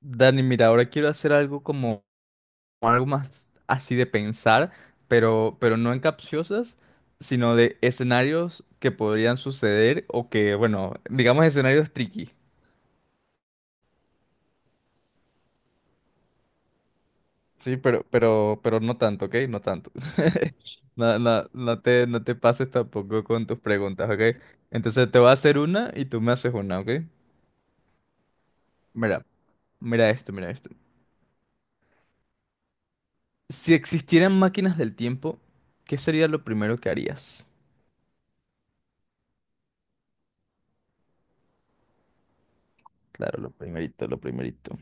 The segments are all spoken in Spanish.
Dani, mira, ahora quiero hacer algo como algo más así de pensar, pero no en capciosas, sino de escenarios que podrían suceder o que, bueno, digamos escenarios tricky. Sí, pero no tanto, ¿ok? No tanto. No te pases tampoco con tus preguntas, ¿ok? Entonces te voy a hacer una y tú me haces una, ¿ok? Mira, mira esto. Si existieran máquinas del tiempo, ¿qué sería lo primero que harías? Claro, lo primerito, lo primerito.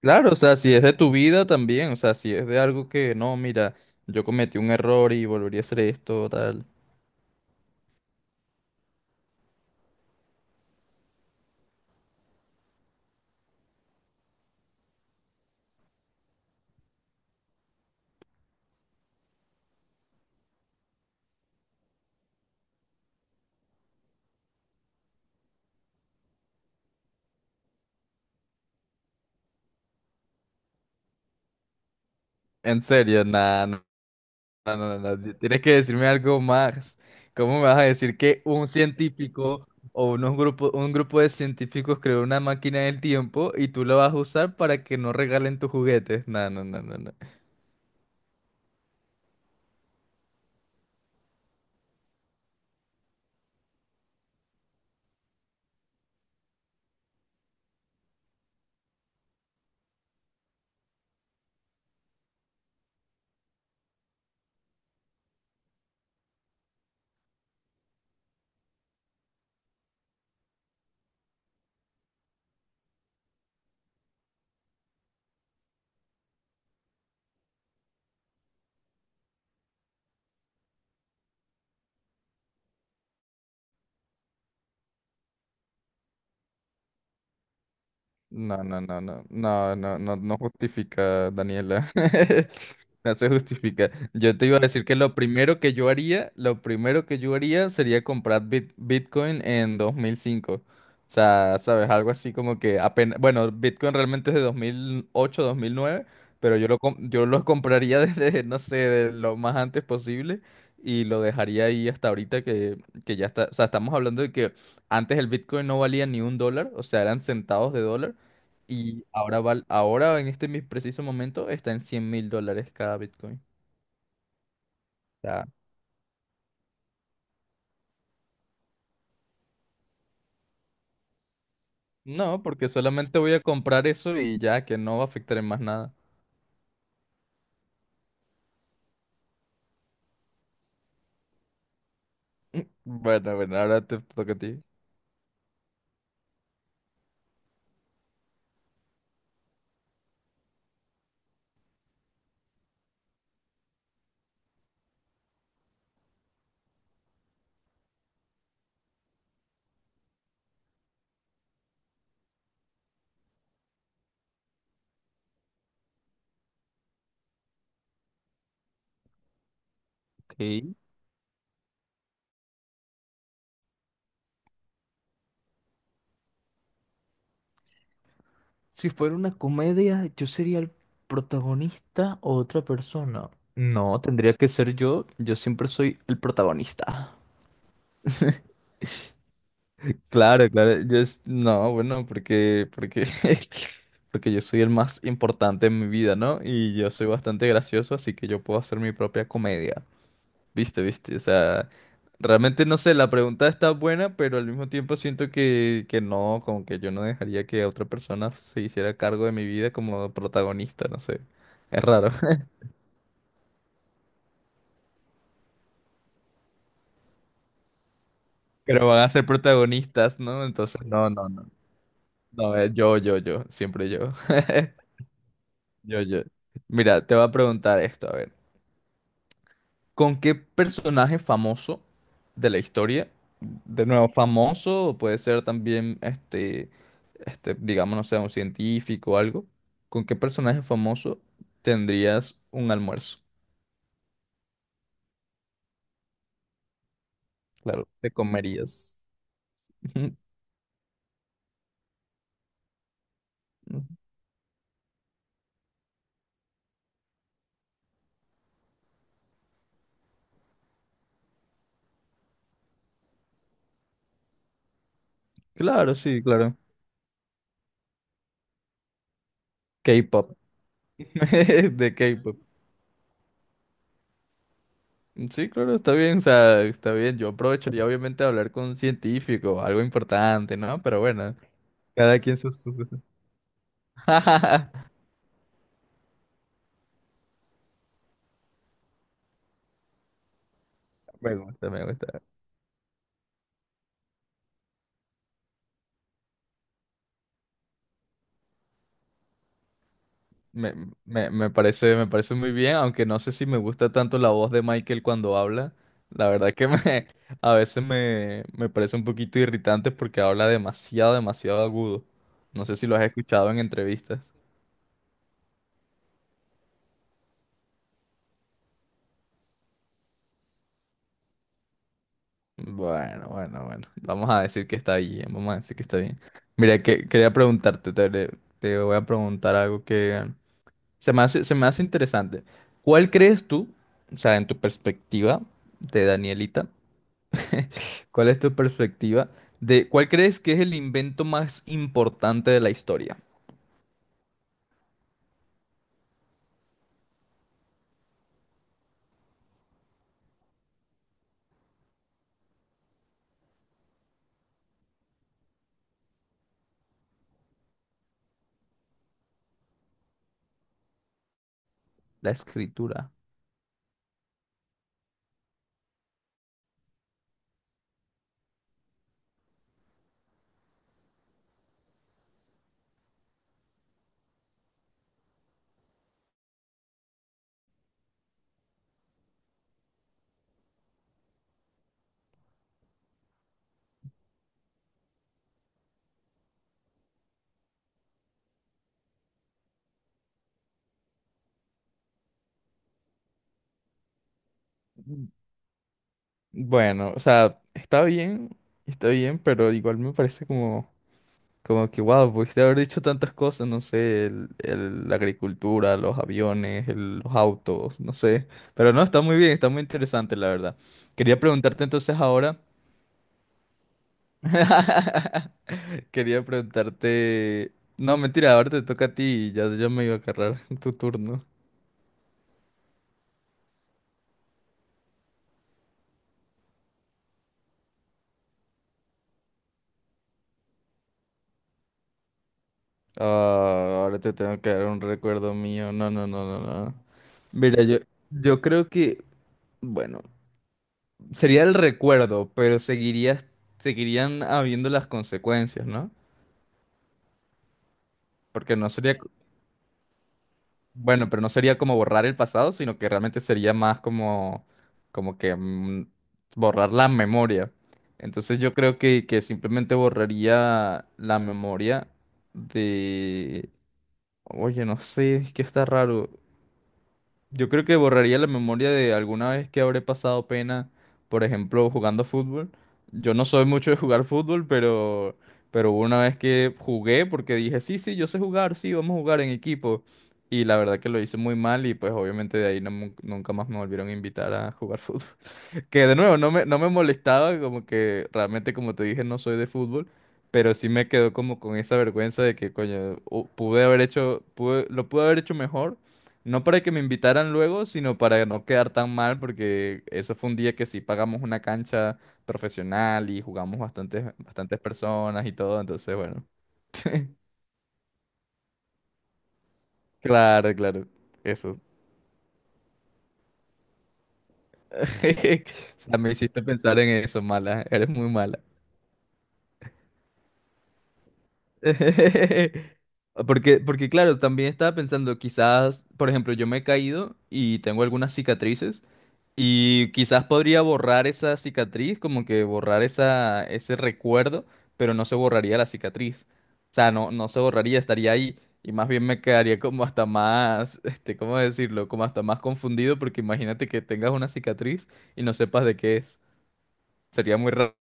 Claro, o sea, si es de tu vida también, o sea, si es de algo que no, mira, yo cometí un error y volvería a hacer esto, tal. En serio, nada, no, no, no, no, no, tienes que decirme algo más. ¿Cómo me vas a decir que un científico o un grupo de científicos creó una máquina del tiempo y tú la vas a usar para que no regalen tus juguetes? No, no, no, no, no. No, no, no, no, no, no, no, no justifica, Daniela. No se justifica. Yo te iba a decir que lo primero que yo haría, lo primero que yo haría sería comprar Bitcoin en 2005. O sea, sabes, algo así como que apenas, bueno, Bitcoin realmente es de 2008, 2009, pero yo lo compraría desde, no sé, de lo más antes posible y lo dejaría ahí hasta ahorita que ya está, o sea, estamos hablando de que antes el Bitcoin no valía ni un dólar, o sea, eran centavos de dólar. Y ahora, ahora en este preciso momento está en $100.000 cada Bitcoin. O sea, no, porque solamente voy a comprar eso y ya, que no va a afectar en más nada. Bueno, bueno, ahora te toca a ti. Ok. Si fuera una comedia, ¿yo sería el protagonista o otra persona? No, tendría que ser yo. Yo siempre soy el protagonista. Claro, claro. No, bueno, porque porque yo soy el más importante en mi vida, ¿no? Y yo soy bastante gracioso, así que yo puedo hacer mi propia comedia. Viste, viste. O sea, realmente no sé, la pregunta está buena, pero al mismo tiempo siento que no, como que yo no dejaría que otra persona se hiciera cargo de mi vida como protagonista, no sé. Es raro. Pero van a ser protagonistas, ¿no? Entonces, no, no, no. No, yo, siempre yo. Yo, yo. Mira, te voy a preguntar esto, a ver. ¿Con qué personaje famoso de la historia? De nuevo, famoso, o puede ser también digamos, no sé, un científico o algo. ¿Con qué personaje famoso tendrías un almuerzo? Claro, te comerías. Ujú, ujú. Claro, sí, claro. K-pop. De K-pop. Sí, claro, está bien, o sea, está bien. Yo aprovecharía obviamente hablar con un científico, algo importante, ¿no? Pero bueno. Cada quien sus gustos. Me gusta, me gusta. Me, me parece muy bien, aunque no sé si me gusta tanto la voz de Michael cuando habla. La verdad que me, a veces me, me parece un poquito irritante porque habla demasiado, demasiado agudo. No sé si lo has escuchado en entrevistas. Bueno, bueno, bueno. Vamos a decir que está bien, vamos a decir que está bien. Mira, quería preguntarte, te voy a preguntar algo que se me hace, se me hace interesante. ¿Cuál crees tú, o sea, en tu perspectiva de Danielita, cuál es tu perspectiva de cuál crees que es el invento más importante de la historia? La escritura. Bueno, o sea, está bien, pero igual me parece como, como que, wow, pudiste haber dicho tantas cosas, no sé, la agricultura, los aviones, los autos, no sé. Pero no, está muy bien, está muy interesante, la verdad. Quería preguntarte entonces ahora. Quería preguntarte. No, mentira, ahora te toca a ti y ya yo me iba a agarrar tu turno. Ah, ahora te tengo que dar un recuerdo mío. No, no, no, no, no. Mira, yo creo que, bueno, sería el recuerdo, pero seguiría, seguirían habiendo las consecuencias, ¿no? Porque no sería. Bueno, pero no sería como borrar el pasado, sino que realmente sería más como, como que borrar la memoria. Entonces yo creo que simplemente borraría la memoria de... Oye, no sé, es que está raro. Yo creo que borraría la memoria de alguna vez que habré pasado pena, por ejemplo, jugando fútbol. Yo no soy mucho de jugar fútbol, pero hubo una vez que jugué porque dije, sí, sí, yo sé jugar, sí, vamos a jugar en equipo. Y la verdad que lo hice muy mal y pues obviamente de ahí nunca más me volvieron a invitar a jugar fútbol. Que de nuevo, no me molestaba, como que realmente, como te dije, no soy de fútbol, pero sí me quedó como con esa vergüenza de que, coño, pude haber hecho, lo pude haber hecho mejor, no para que me invitaran luego, sino para no quedar tan mal, porque eso fue un día que sí pagamos una cancha profesional y jugamos bastantes, bastantes personas y todo, entonces, bueno, claro, claro, eso. O sea, me hiciste pensar en eso, mala, eres muy mala. Porque, porque claro, también estaba pensando, quizás, por ejemplo, yo me he caído y tengo algunas cicatrices y quizás podría borrar esa cicatriz, como que borrar esa, ese recuerdo, pero no se borraría la cicatriz. O sea, no, no se borraría, estaría ahí y más bien me quedaría como hasta más, este, ¿cómo decirlo? Como hasta más confundido porque imagínate que tengas una cicatriz y no sepas de qué es. Sería muy raro.